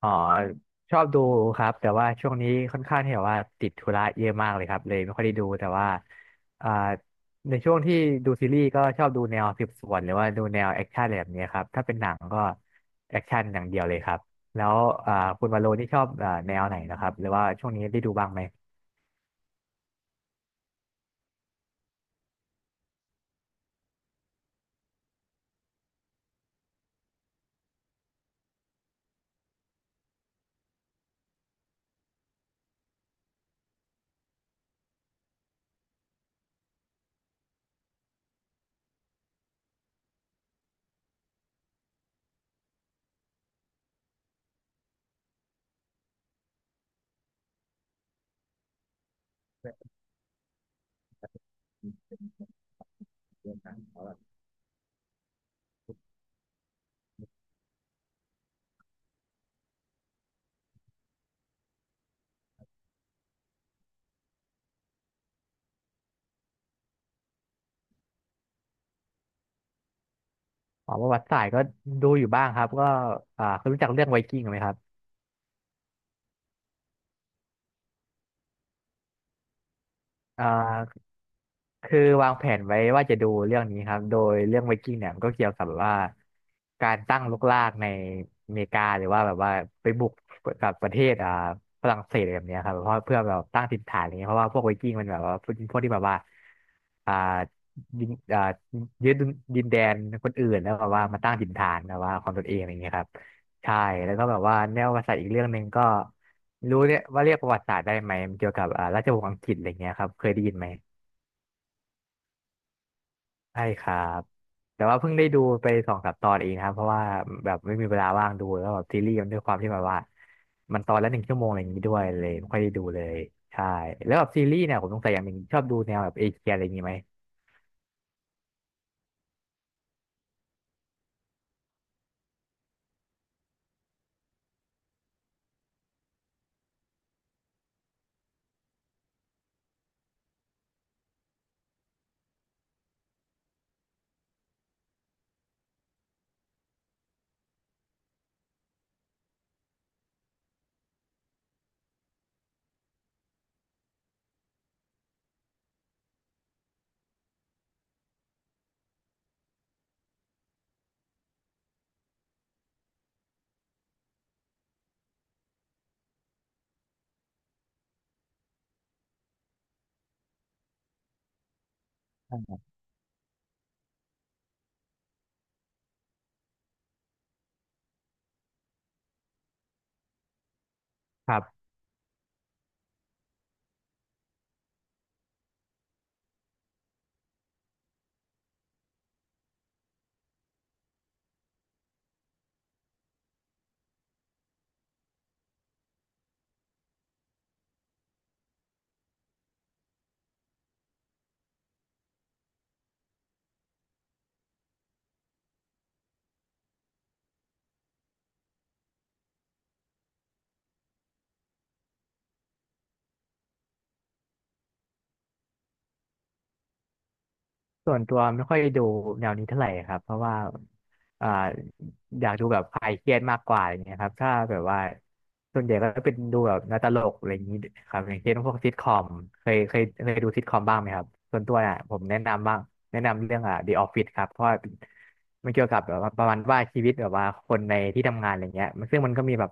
อ๋อชอบดูครับแต่ว่าช่วงนี้ค่อนข้างที่แบบว่าติดธุระเยอะมากเลยครับเลยไม่ค่อยได้ดูแต่ว่าอ่าในช่วงที่ดูซีรีส์ก็ชอบดูแนวสืบสวนหรือว่าดูแนวแอคชั่นอะไรแบบนี้ครับถ้าเป็นหนังก็แอคชั่นอย่างเดียวเลยครับแล้วอ่าคุณวาโลนี่ชอบแนวไหนนะครับหรือว่าช่วงนี้ได้ดูบ้างไหมอ๋อประวัติศาสตร์ก็ดูอยู่บ้างครับก็เคยรู้จักเรื่องไวกิ้งไหมครับอ่า คือวางแผนไว้ว่าจะดูเรื่องนี้ครับโดยเรื่องไวกิ้งเนี่ยมันก็เกี่ยวกับแบบว่าการตั้งรกรากในอเมริกาหรือว่าแบบว่าไปบุกกับประเทศฝรั่งเศสอะไรแบบเนี้ยครับเพราะเพื่อแบบตั้งถิ่นฐานอะไรเงี้ยเพราะว่าพวกไวกิ้งมันแบบว่าพวกที่แบบว่าอ่ายึดยึดดินแดนคนอื่นแล้วแบบว่ามาตั้งถิ่นฐานแบบว่าของตนเองอะไรเงี้ยครับใช่แล้วก็แบบว่าแนวประวัติศาสตร์อีกเรื่องหนึ่งก็รู้เนี่ยว่าเรียกประวัติศาสตร์ได้ไหมมันเกี่ยวกับราชวงศ์อังกฤษอะไรเงี้ยครับเคยได้ยินไหม ใช่ครับแต่ว่าเพิ่งได้ดูไปสองสามตอนเองนะครับเพราะว่าแบบไม่มีเวลาว่างดูแล้วแบบซีรีส์มันด้วยความที่แบบว่ามันตอนละหนึ่งชั่วโมงอะไรอย่างนี้ด้วยเลยไม่ค่อยได้ดูเลยใช่แล้วแบบซีรีส์เนี่ยผมสงสัยอย่างหนึ่งชอบดูแนวแบบเอเชียอะไรอย่างนี้ไหมครับ ส่วนตัวไม่ค่อยดูแนวนี้เท่าไหร่ครับเพราะว่าอ่าอยากดูแบบคลายเครียดมากกว่าอย่างเงี้ยครับถ้าแบบว่าส่วนใหญ่ก็เป็นดูแบบหนังตลกอะไรอย่างนี้ครับอย่างเช่นพวกซิทคอมเคยดูซิทคอมบ้างไหมครับส่วนตัวเนี่ยผมแนะนำบ้างแนะนำเรื่องอ่ะ The Office ครับเพราะว่ามันเกี่ยวกับแบบว่าประมาณว่าชีวิตแบบว่าคนในที่ทำงานอะไรเงี้ยมันซึ่งมันก็มีแบบ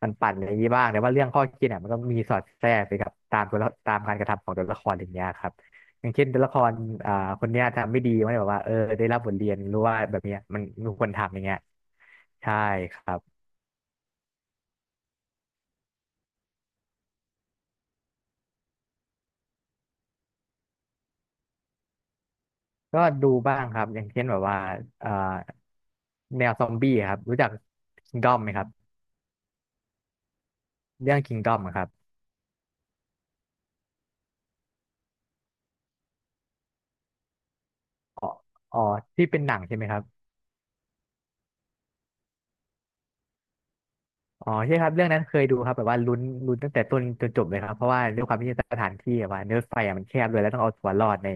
ปั่นๆอะไรอย่างนี้บ้างแต่ว่าเรื่องข้อคิดเนี่ยมันก็มีสอดแทรกไปกับตามตัวละตามการกระทำของตัวละครอย่างเงี้ยครับ อย่างเช่นตัวละครอ่าคนเนี้ยทำไม่ดีมันแบบว่าเออได้รับบทเรียนรู้ว่าแบบเนี้ยมันไมนควรทำอย่างเงี้ยใช่ครับก็ดูบ้างครับอย่างเช่นแบบว่าอ่าแนวซอมบี้ครับรู้จักค i งดอม m ไหมครับเรื่องคิงด d o อะครับอ๋อที่เป็นหนังใช่ไหมครับอ๋อใช่ครับเรื่องนั้นเคยดูครับแบบว่าลุ้นตั้งแต่ต้นจนจบเลยครับเพราะว่าด้วยความที่สถานที่แบบว่ารถไฟอะมันแคบเลยแล้วต้องเอาตัวรอดใน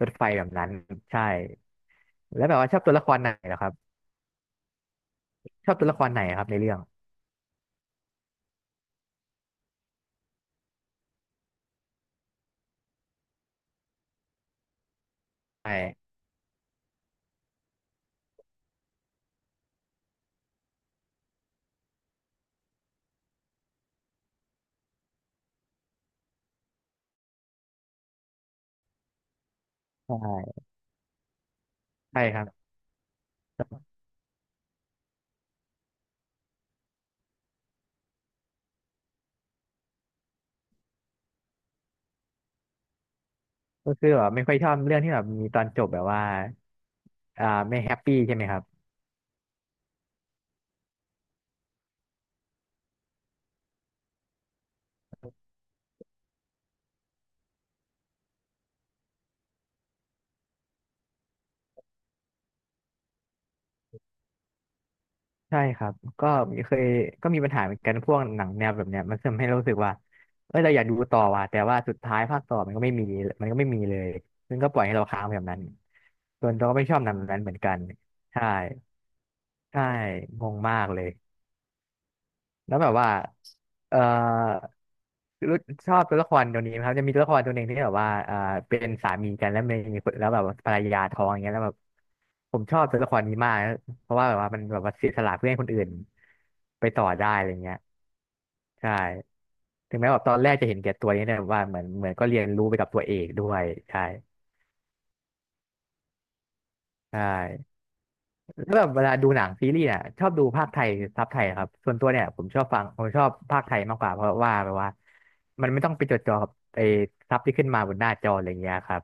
รถไฟแบบนั้นใช่แล้วแบบว่าชอบตัวละครไหนเหรอครับชอบตัวละครไหนครับในเรื่องใช่ ใช่ใช่ครับก็คือแบบไม่ค่อยชอบเรื่องที่แบบมีตอนจบแบบว่าไม่แฮปปี้ใช่ไหมครับใช่ครับก็เคยก็มีปัญหาเหมือนกันพวกหนังแนวแบบเนี้ยมันทำให้รู้สึกว่าเออเราอยากดูต่อว่ะแต่ว่าสุดท้ายภาคต่อมันก็ไม่มีมันก็ไม่มีเลยซึ่งก็ปล่อยให้เราค้างแบบนั้นส่วนตัวก็ไม่ชอบหนังแบบนั้นเหมือนกันใช่ใช่งงมากเลย แล้วแบบว่าเอ่อรู้ชอบตัวละครตัวนี้ไหมครับจะมีตัวละครตัวหนึ่งที่แบบว่าเป็นสามีกันแล้วมีคนแล้วแบบว่าภรรยาท้องอย่างเงี้ยแล้วแบบผมชอบตัวละครนี้มากเพราะว่าแบบว่ามันแบบว่าเสียสละเพื่อให้คนอื่นไปต่อได้อะไรเงี้ยใช่ถึงแม้แบบตอนแรกจะเห็นแก่ตัวนี่แต่ว่าเหมือนก็เรียนรู้ไปกับตัวเอกด้วยใช่ใช่ แล้วแบบเวลาดูหนังซีรีส์เนี่ยชอบดูภาคไทยซับไทยครับส่วนตัวเนี่ยผมชอบฟังผมชอบภาคไทยมากกว่าเพราะว่าแบบว่ามันไม่ต้องไปจดจ่อกับไอ้ซับที่ขึ้นมาบนหน้าจออะไรเงี้ยครับ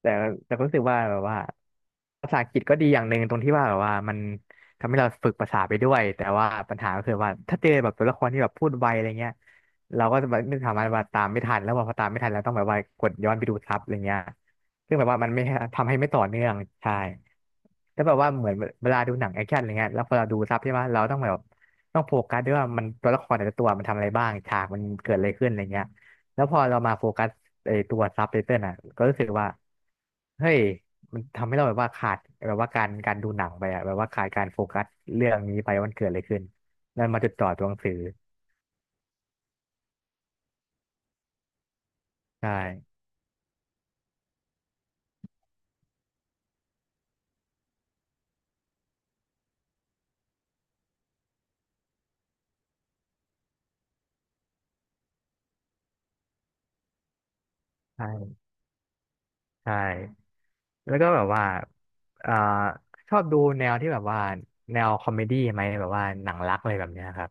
แต่แต่ก็รู้สึกว่าแบบว่าภาษาอังกฤษก็ดีอย่างหนึ่งตรงที่ว่าแบบว่ามันทำให้เราฝึกภาษาไปด้วยแต่ว่าปัญหาก็คือว่าถ้าเจอแบบตัวละครที่แบบพูดไวอะไรเงี้ยเราก็จะแบบไม่สามารถว่าตามไม่ทันแล้วพอตามไม่ทันเราต้องแบบว่ากดย้อนไปดูซับอะไรเงี้ยซึ่งแบบว่ามันไม่ทำให้ไม่ต่อเนื่องใช่แล้วแบบว่าเหมือนเวลาดูหนังแอคชั่นอะไรเงี้ยแล้วพอเราดูซับใช่ไหมเราต้องแบบต้องโฟกัสด้วยว่ามันตัวละครแต่ละตัวมันทำอะไรบ้างฉากมันเกิดอะไรขึ้นอะไรเงี้ย แล้วพอเรามาโฟกัสไอ้ตัวซับไตเติลอ่ะก็รู้สึกว่าเฮ้ยมันทำให้เราแบบว่าขาดแบบว่าการดูหนังไปอ่ะแบบว่าขาดการโฟกัสเรื่องนี้ไปว่ามันเกิดอะไรขึ้นนั่นมาจดจ่อตัวหนังสือใช่ใช่ใช่แล้วก็แบบว่าเอ่าชอบดูแนวที่แบบว่าแนวคอมเมดี้ไหมแบบว่าหนังรักอะไรแบบเนี้ยครับ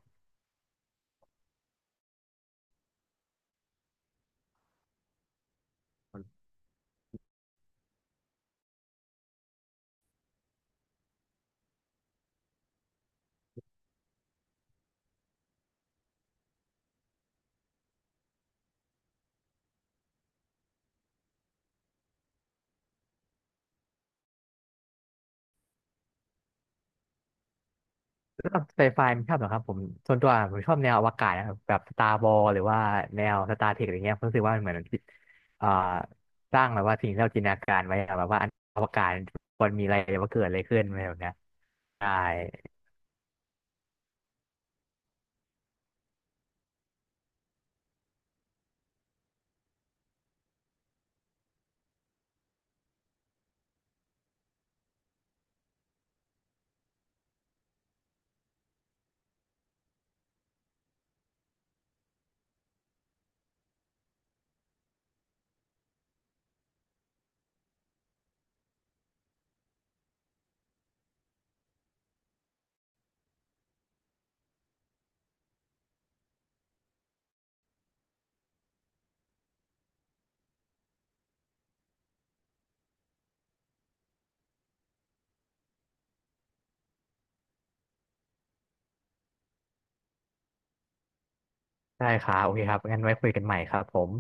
สำหรับไซไฟมันชอบเหรอครับผมส่วนตัวผมชอบแนวอวกาศนะครับแบบสตาร์บอ s หรือว่าแนวสตาร์เทคอะไรเงี้ยผมรู้สึกว่ามันเหมือนอ่าสร้างแบบว่าสิ่งที่เราจินตนาการไว้อะแบบว่าอนอวกาศมันมีอะไรว่าเกิดอะไรขึ้นอะไรแบบเนี้ยได้ได้ครับโอเคครับงั้นไว้คุยกันใหม่ครับผม